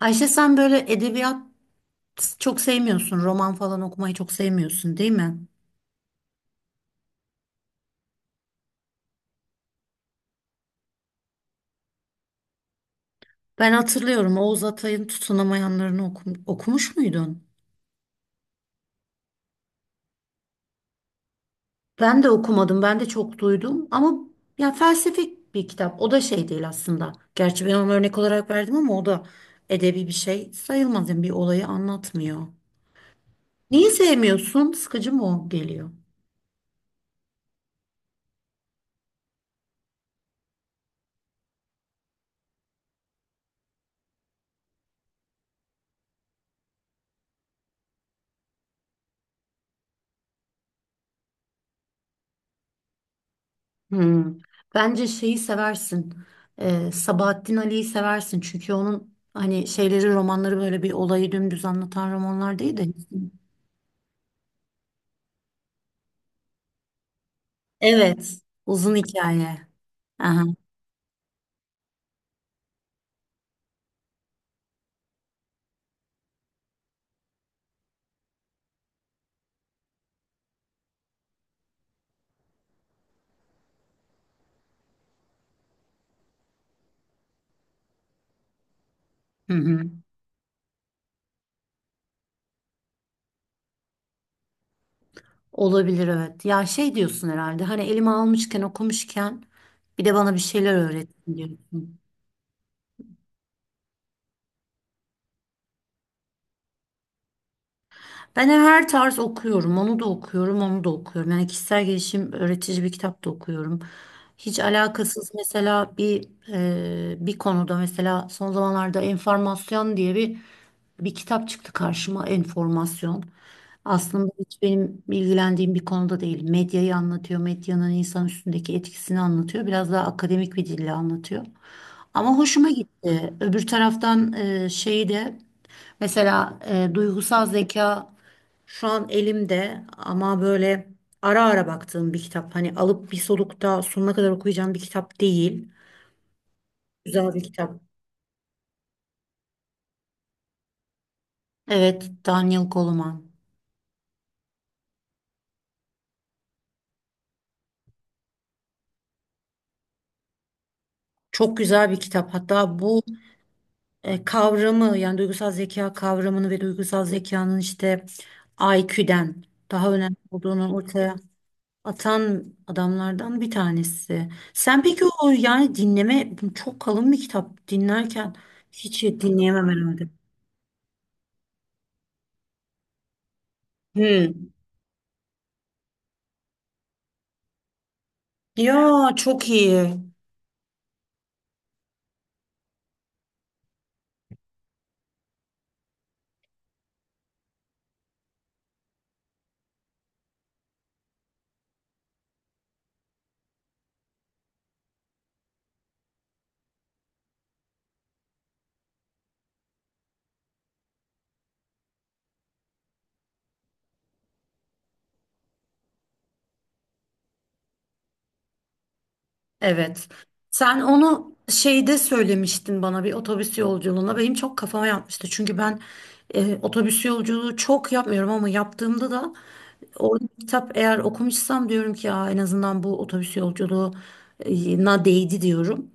Ayşe sen böyle edebiyat çok sevmiyorsun. Roman falan okumayı çok sevmiyorsun, değil mi? Ben hatırlıyorum Oğuz Atay'ın Tutunamayanlarını okumuş muydun? Ben de okumadım. Ben de çok duydum ama ya felsefik bir kitap. O da şey değil aslında. Gerçi ben onu örnek olarak verdim ama o da edebi bir şey sayılmaz. Yani bir olayı anlatmıyor. Niye sevmiyorsun? Sıkıcı mı o geliyor? Hmm. Bence şeyi seversin. Sabahattin Ali'yi seversin. Çünkü onun hani şeyleri romanları böyle bir olayı dümdüz anlatan romanlar değil de. Evet. Uzun hikaye. Aha. Hı hı. Olabilir, evet. Ya şey diyorsun herhalde, hani elime almışken, okumuşken bir de bana bir şeyler öğretsin diyorsun. Ben her tarz okuyorum. Onu da okuyorum, onu da okuyorum. Yani kişisel gelişim, öğretici bir kitap da okuyorum. Hiç alakasız mesela bir konuda, mesela son zamanlarda enformasyon diye bir kitap çıktı karşıma. Enformasyon. Aslında hiç benim ilgilendiğim bir konuda değil. Medyayı anlatıyor, medyanın insan üstündeki etkisini anlatıyor. Biraz daha akademik bir dille anlatıyor. Ama hoşuma gitti. Öbür taraftan şeyi de. Mesela duygusal zeka şu an elimde, ama böyle ara ara baktığım bir kitap. Hani alıp bir solukta sonuna kadar okuyacağım bir kitap değil. Güzel bir kitap. Evet, Daniel Goleman. Çok güzel bir kitap. Hatta bu kavramı, yani duygusal zeka kavramını ve duygusal zekanın işte IQ'den daha önemli olduğunu ortaya atan adamlardan bir tanesi. Sen peki o, yani dinleme, çok kalın bir kitap dinlerken hiç dinleyemem herhalde. Hmm. Ya çok iyi. Evet. Sen onu şeyde söylemiştin bana, bir otobüs yolculuğunda. Benim çok kafama yatmıştı. Çünkü ben otobüs yolculuğu çok yapmıyorum ama yaptığımda da orada bir kitap eğer okumuşsam diyorum ki ya en azından bu otobüs yolculuğuna değdi diyorum.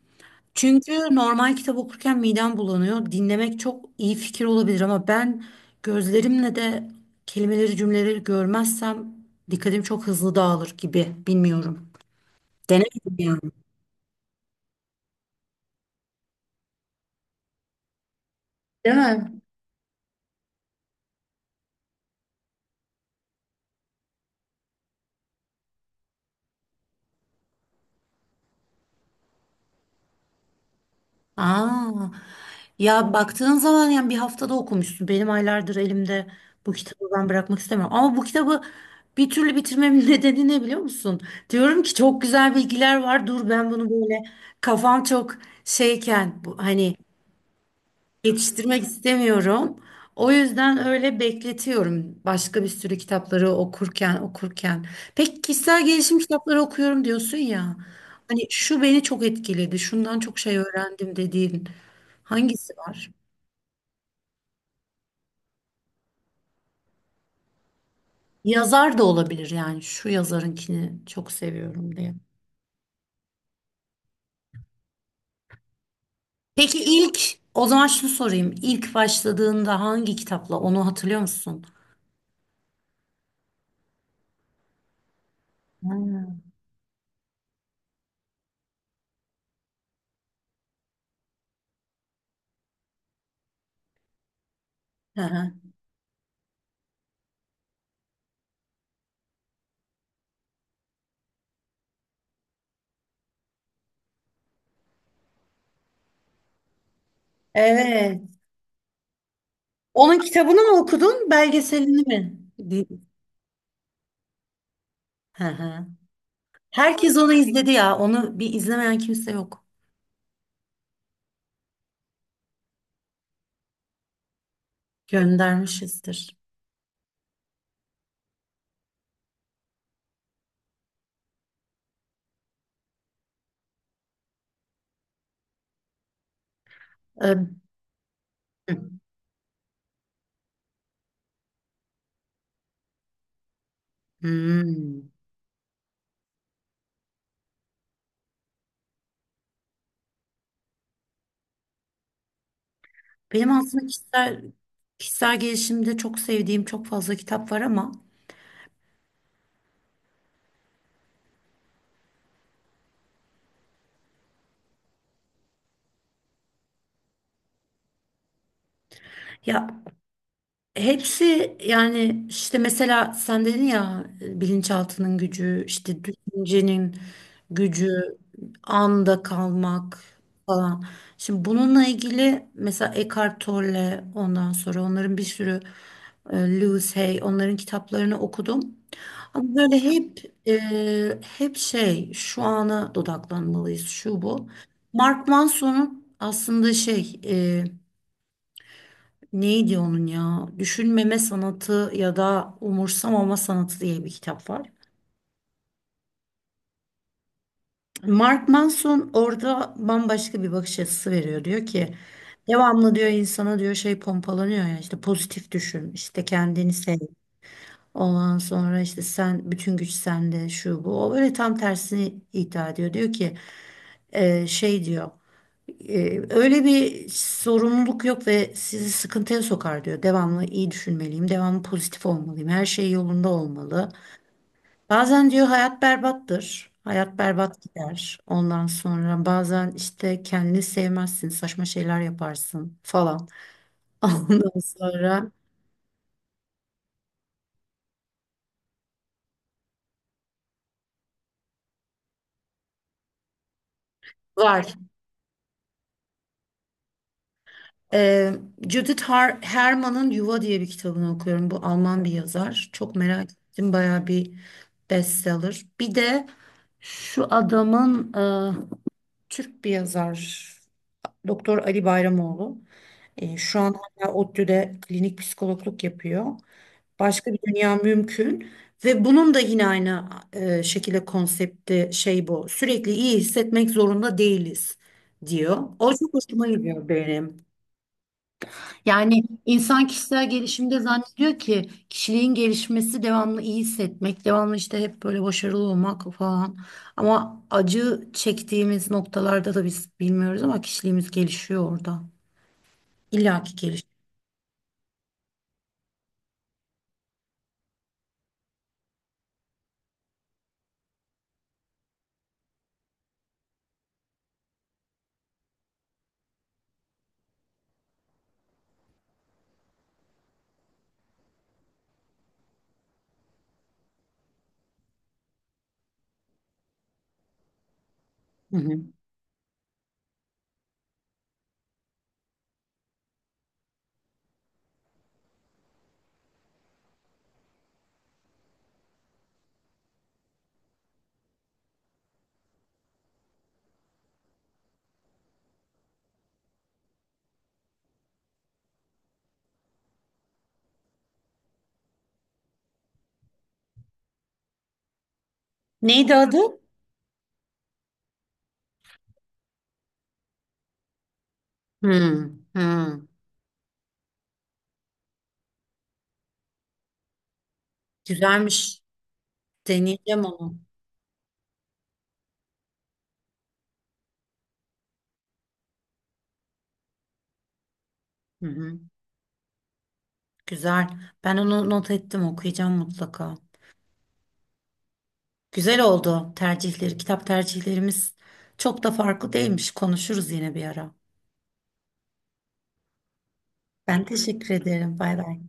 Çünkü normal kitap okurken midem bulanıyor. Dinlemek çok iyi fikir olabilir ama ben gözlerimle de kelimeleri, cümleleri görmezsem dikkatim çok hızlı dağılır gibi. Bilmiyorum. Denemedim yani. Değil mi? Aa, ya baktığın zaman yani bir haftada okumuşsun. Benim aylardır elimde bu kitabı, ben bırakmak istemiyorum. Ama bu kitabı bir türlü bitirmemin nedeni ne biliyor musun? Diyorum ki çok güzel bilgiler var. Dur ben bunu böyle kafam çok şeyken bu, hani. Yetiştirmek istemiyorum. O yüzden öyle bekletiyorum, başka bir sürü kitapları okurken. Peki kişisel gelişim kitapları okuyorum diyorsun ya. Hani şu beni çok etkiledi, şundan çok şey öğrendim dediğin hangisi var? Yazar da olabilir yani. Şu yazarınkini çok seviyorum diye. Peki ilk, o zaman şunu sorayım. İlk başladığında hangi kitapla, onu hatırlıyor musun? Hmm. Hı hı. Evet. Onun kitabını mı okudun, belgeselini mi? Hı hı. Herkes onu izledi ya. Onu bir izlemeyen kimse yok. Göndermişizdir. Ee, hı. Hmm. Benim aslında kişisel gelişimde çok sevdiğim çok fazla kitap var ama ya. Hepsi, yani işte mesela sen dedin ya, bilinçaltının gücü, işte düşüncenin gücü, anda kalmak falan. Şimdi bununla ilgili mesela Eckhart Tolle, ondan sonra onların bir sürü, Lewis Hay, onların kitaplarını okudum. Ama böyle hep şey, şu ana dodaklanmalıyız şu bu. Mark Manson'un aslında şey, e, neydi onun ya? Düşünmeme sanatı ya da umursamama sanatı diye bir kitap var. Mark Manson orada bambaşka bir bakış açısı veriyor. Diyor ki devamlı, diyor insana, diyor şey pompalanıyor ya, işte pozitif düşün, işte kendini sev. Ondan sonra işte sen, bütün güç sende, şu bu. O böyle tam tersini iddia ediyor. Diyor ki şey diyor. Öyle bir sorumluluk yok ve sizi sıkıntıya sokar diyor. Devamlı iyi düşünmeliyim, devamlı pozitif olmalıyım, her şey yolunda olmalı. Bazen diyor hayat berbattır, hayat berbat gider. Ondan sonra bazen işte kendini sevmezsin, saçma şeyler yaparsın falan. Ondan sonra var. Ee, Judith Herman'ın Yuva diye bir kitabını okuyorum. Bu Alman bir yazar. Çok merak ettim, bayağı bir bestseller. Bir de şu adamın, e, Türk bir yazar, Doktor Ali Bayramoğlu. E, şu an hala ODTÜ'de klinik psikologluk yapıyor. Başka bir dünya mümkün, ve bunun da yine aynı şekilde konsepti şey bu. Sürekli iyi hissetmek zorunda değiliz diyor. O çok hoşuma gidiyor benim. Yani insan kişisel gelişimde zannediyor ki kişiliğin gelişmesi devamlı iyi hissetmek, devamlı işte hep böyle başarılı olmak falan. Ama acı çektiğimiz noktalarda da biz bilmiyoruz ama kişiliğimiz gelişiyor orada. İlla ki gelişiyor. Hı hı. Neydi adı? Hı, hı. Güzelmiş. Deneyeceğim onu. Hı hı. Güzel. Ben onu not ettim, okuyacağım mutlaka. Güzel oldu tercihleri. Kitap tercihlerimiz çok da farklı değilmiş. Konuşuruz yine bir ara. Ben teşekkür ederim. Bay bay.